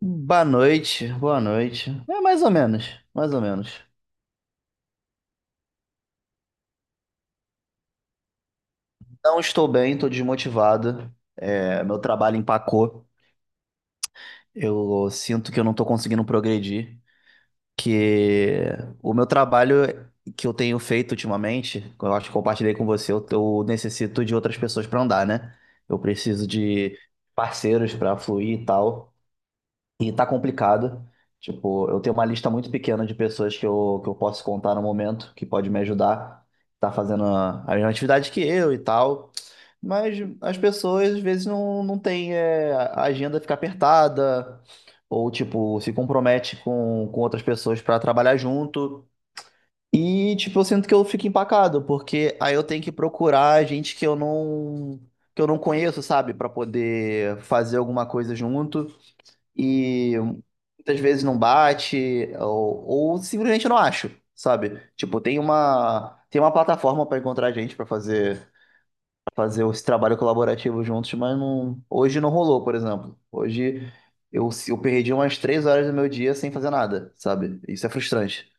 Boa noite, boa noite. É mais ou menos, mais ou menos. Não estou bem, estou desmotivado. É, meu trabalho empacou. Eu sinto que eu não estou conseguindo progredir. Que o meu trabalho que eu tenho feito ultimamente, que eu acho que compartilhei com você, eu necessito de outras pessoas para andar, né? Eu preciso de parceiros para fluir e tal. E tá complicado. Tipo, eu tenho uma lista muito pequena de pessoas que eu posso contar no momento, que pode me ajudar. Tá fazendo a mesma atividade que eu e tal. Mas as pessoas, às vezes, não têm, é, a agenda fica apertada, ou, tipo, se compromete com outras pessoas para trabalhar junto. E, tipo, eu sinto que eu fico empacado, porque aí eu tenho que procurar gente que eu não conheço, sabe? Pra poder fazer alguma coisa junto e muitas vezes não bate, ou simplesmente eu não acho, sabe? Tipo, tem uma plataforma para encontrar gente pra fazer esse trabalho colaborativo juntos, mas não, hoje não rolou, por exemplo. Hoje eu perdi umas 3 horas do meu dia sem fazer nada, sabe? Isso é frustrante.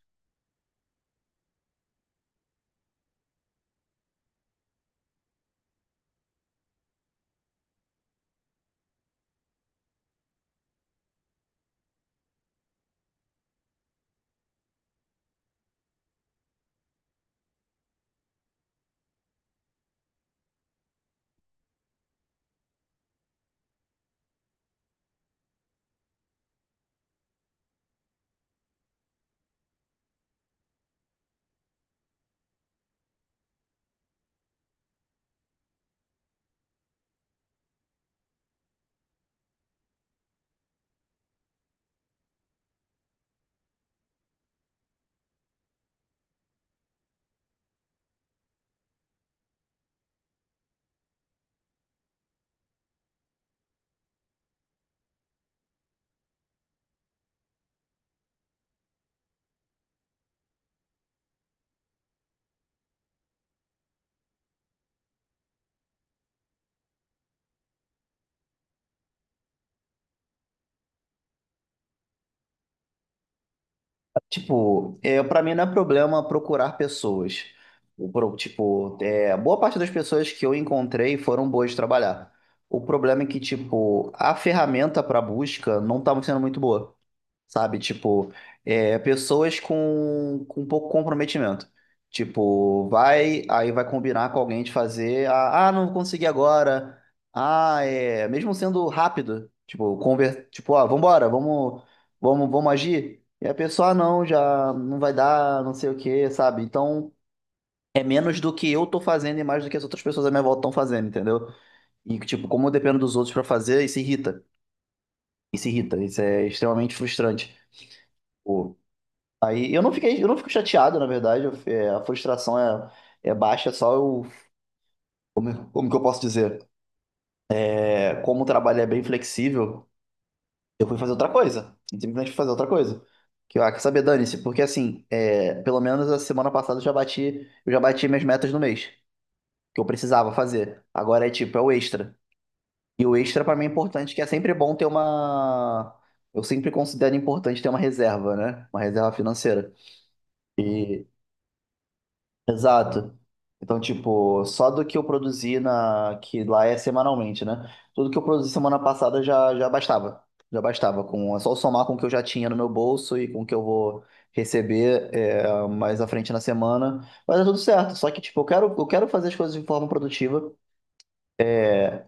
Tipo, é, para mim não é problema procurar pessoas. Tipo, é, boa parte das pessoas que eu encontrei foram boas de trabalhar. O problema é que, tipo, a ferramenta para busca não estava sendo muito boa, sabe? Tipo, é, pessoas com pouco comprometimento. Tipo, vai, aí vai combinar com alguém de fazer, não consegui agora. Ah, é, mesmo sendo rápido, tipo, tipo, ó, vambora, vamos, vamos, vamos agir. E a pessoa, ah, não, já não vai dar, não sei o quê, sabe? Então, é menos do que eu tô fazendo e mais do que as outras pessoas à minha volta estão fazendo, entendeu? E, tipo, como eu dependo dos outros pra fazer, isso irrita. Isso irrita, isso é extremamente frustrante. Pô, aí eu não fico chateado, na verdade. É, a frustração é baixa, é só eu, como que eu posso dizer? É, como o trabalho é bem flexível, eu fui fazer outra coisa. Simplesmente fui fazer outra coisa. Que, ah, quer saber, dane-se, porque assim, é, pelo menos a semana passada eu já bati minhas metas no mês, que eu precisava fazer. Agora é tipo, é o extra. E o extra pra mim é importante, que é sempre bom ter uma. Eu sempre considero importante ter uma reserva, né? Uma reserva financeira. Exato. Então, tipo, só do que eu produzi que lá é semanalmente, né? Tudo que eu produzi semana passada já bastava. Já bastava. É só somar com o que eu já tinha no meu bolso e com o que eu vou receber é, mais à frente na semana. Mas é tudo certo. Só que, tipo, eu quero fazer as coisas de forma produtiva.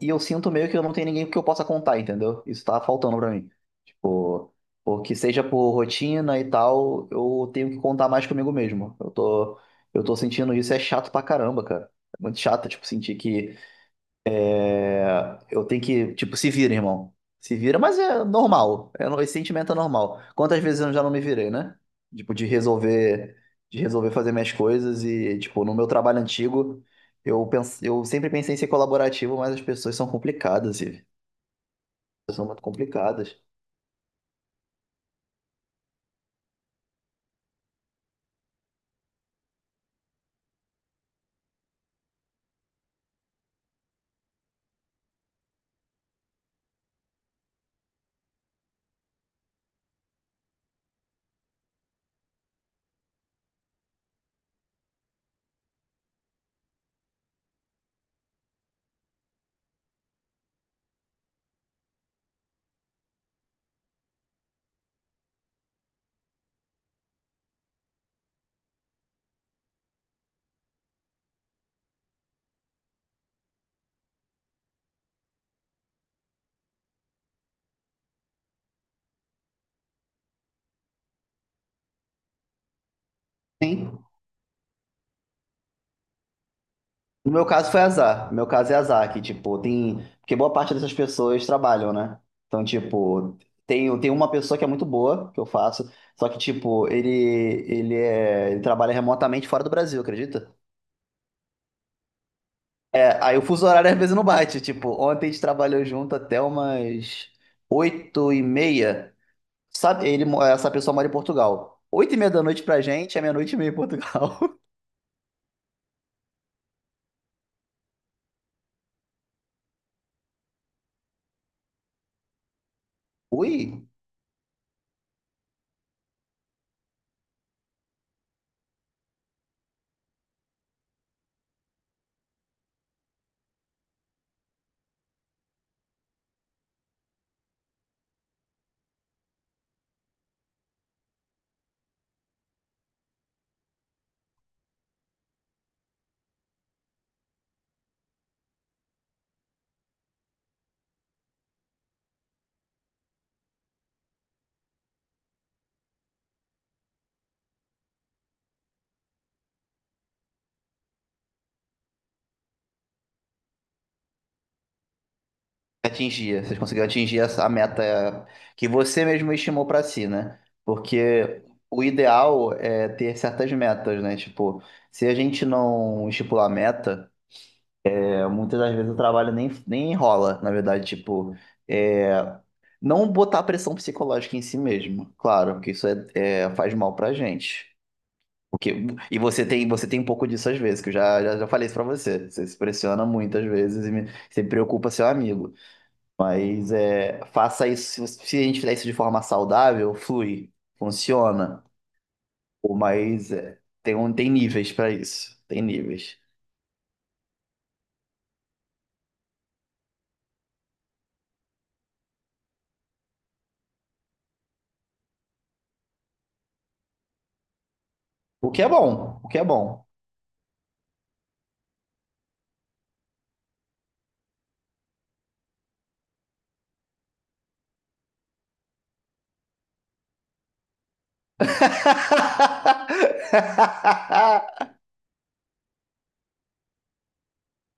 E eu sinto meio que eu não tenho ninguém que eu possa contar, entendeu? Isso tá faltando pra mim. Tipo, porque seja por rotina e tal, eu tenho que contar mais comigo mesmo. Eu tô sentindo isso, é chato pra caramba, cara. É muito chato, tipo, sentir que eu tenho que, tipo, se vira, irmão. Se vira, mas é normal. É, esse sentimento é normal. Quantas vezes eu já não me virei, né? Tipo, de resolver, fazer minhas coisas e, tipo, no meu trabalho antigo, eu sempre pensei em ser colaborativo, mas as pessoas são complicadas, e são muito complicadas. Sim. No meu caso foi azar. No meu caso é azar, que, tipo, tem. Porque boa parte dessas pessoas trabalham, né? Então, tipo, tem uma pessoa que é muito boa, que eu faço, só que, tipo, ele trabalha remotamente fora do Brasil, acredita? É, aí o fuso horário às vezes não bate. Tipo, ontem a gente trabalhou junto até umas 8h30. Sabe, essa pessoa mora em Portugal. 8h30 da noite pra gente é 00h30 em Portugal. Ui, vocês conseguiram atingir a meta que você mesmo estimou para si, né? Porque o ideal é ter certas metas, né? Tipo, se a gente não estipular meta, é, muitas das vezes o trabalho nem enrola, na verdade, tipo, é, não botar pressão psicológica em si mesmo, claro, porque isso faz mal pra gente. Porque, e você tem um pouco disso às vezes, que eu já falei isso pra você. Você se pressiona muitas vezes e você preocupa seu amigo. Mas é, faça isso, se a gente fizer isso de forma saudável, flui, funciona. Pô, mas é, tem níveis pra isso, tem níveis. O que é bom, o que é bom.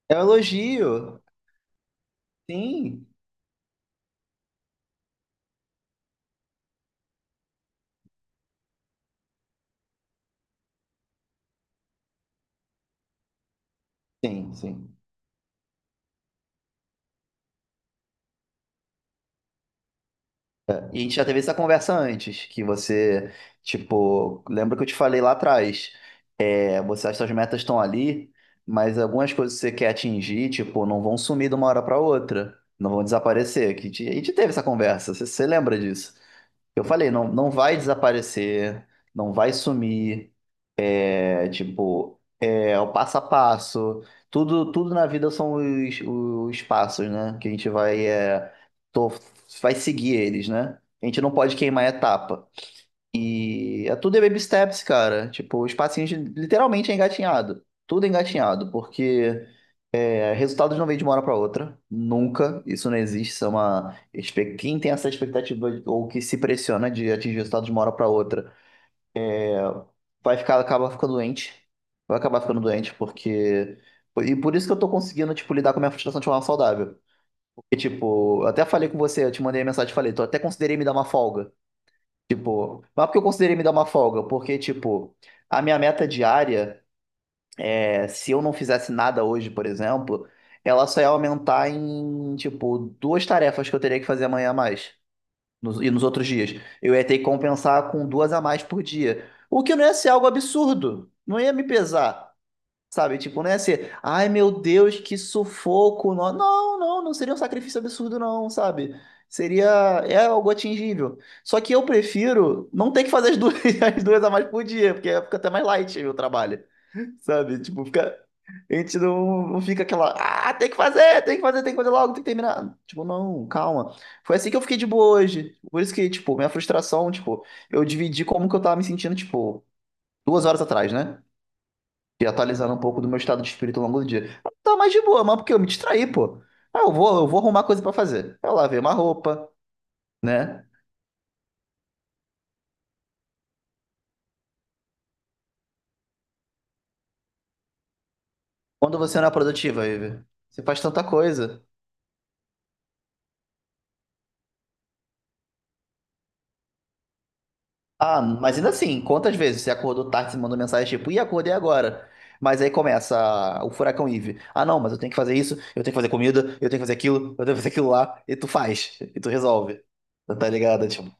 É um elogio. Sim, sim, sim. É, e a gente já teve essa conversa antes, que você, tipo, lembra que eu te falei lá atrás, é, você, as suas metas estão ali, mas algumas coisas que você quer atingir, tipo, não vão sumir de uma hora para outra, não vão desaparecer. Que a gente teve essa conversa, você lembra disso? Eu falei, não, não vai desaparecer, não vai sumir, é, tipo, é o passo a passo, tudo na vida são os passos, né? Que a gente vai, é, tô- vai seguir eles, né? A gente não pode queimar a etapa. E é tudo é baby steps, cara. Tipo, os passinhos literalmente é engatinhado. Tudo é engatinhado, porque é, resultados não vêm de uma hora para outra, nunca, isso não existe. Quem tem essa expectativa ou que se pressiona de atingir resultados de uma hora para outra, acaba ficando doente, vai acabar ficando doente, porque. E por isso que eu tô conseguindo, tipo, lidar com a minha frustração de forma saudável. Porque, tipo, eu até falei com você, eu te mandei a mensagem e falei, tô até considerei me dar uma folga. Tipo, mas por que eu considerei me dar uma folga? Porque, tipo, a minha meta diária. É, se eu não fizesse nada hoje, por exemplo, ela só ia aumentar em, tipo, duas tarefas que eu teria que fazer amanhã a mais. E nos outros dias. Eu ia ter que compensar com duas a mais por dia. O que não ia ser algo absurdo. Não ia me pesar. Sabe? Tipo, não ia ser, ai meu Deus, que sufoco. Não, não, não, não seria um sacrifício absurdo, não, sabe? Seria, é algo atingível. Só que eu prefiro não ter que fazer as duas, as duas a mais por dia, porque fica até mais light o trabalho. Sabe? Tipo, fica. A gente não fica aquela. Ah, tem que fazer, tem que fazer, tem que fazer logo, tem que terminar. Tipo, não, calma. Foi assim que eu fiquei de boa hoje. Por isso que, tipo, minha frustração, tipo, eu dividi como que eu tava me sentindo, tipo, 2 horas atrás, né? E atualizando um pouco do meu estado de espírito ao longo do dia. Eu tava mais de boa, mas porque eu me distraí, pô. Ah, eu vou arrumar coisa pra fazer. Eu lavei uma roupa, né? Quando você não é produtiva, Iver, você faz tanta coisa. Ah, mas ainda assim, quantas vezes você acordou tarde e mandou mensagem tipo, e acordei agora? Mas aí começa o furacão Eve. Ah, não, mas eu tenho que fazer isso, eu tenho que fazer comida, eu tenho que fazer aquilo, eu tenho que fazer aquilo lá, e tu faz, e tu resolve. Tá ligado? Tipo,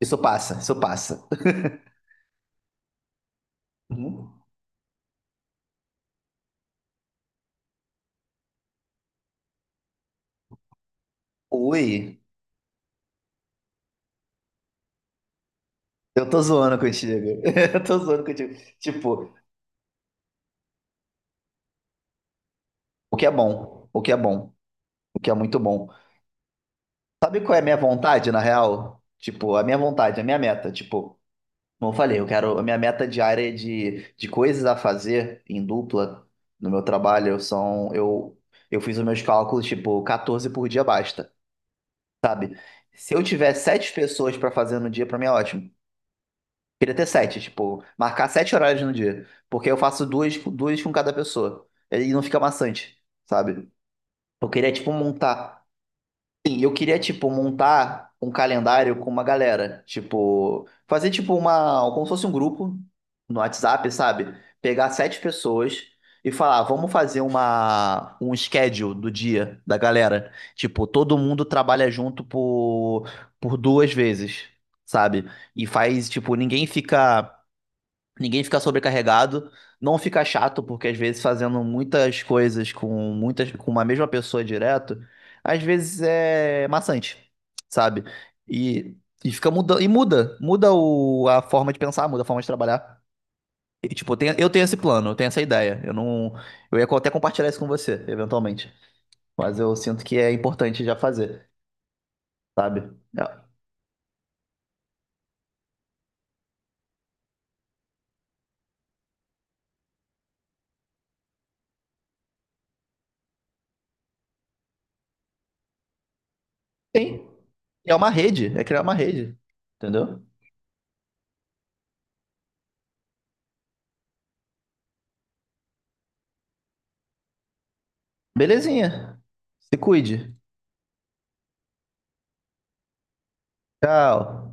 isso passa, isso passa. Uhum. Ui, eu tô zoando contigo. Eu tô zoando contigo. Tipo, o que é bom, o que é bom, o que é muito bom. Sabe qual é a minha vontade, na real? Tipo, a minha vontade, a minha meta, tipo. Como eu falei, eu quero. A minha meta diária é de coisas a fazer em dupla no meu trabalho são. Eu fiz os meus cálculos, tipo, 14 por dia basta, sabe? Se eu tiver sete pessoas pra fazer no dia, pra mim é ótimo. Queria ter sete, tipo, marcar sete horários no dia. Porque eu faço duas, duas com cada pessoa. E não fica maçante, sabe? Eu queria, tipo, montar. Sim, eu queria, tipo, montar um calendário com uma galera. Tipo, fazer, tipo, uma. Como se fosse um grupo no WhatsApp, sabe? Pegar sete pessoas e falar, vamos fazer um schedule do dia da galera. Tipo, todo mundo trabalha junto por duas vezes, sabe? E faz, tipo, ninguém fica. Ninguém fica sobrecarregado, não fica chato, porque às vezes fazendo muitas coisas com uma mesma pessoa direto, às vezes é maçante, sabe? E, e fica mudando, e muda a forma de pensar, muda a forma de trabalhar. E, tipo, eu tenho esse plano, eu tenho essa ideia. Eu não, eu ia até compartilhar isso com você, eventualmente. Mas eu sinto que é importante já fazer, sabe? É, tem, é uma rede, é criar uma rede, entendeu? Belezinha. Se cuide. Tchau.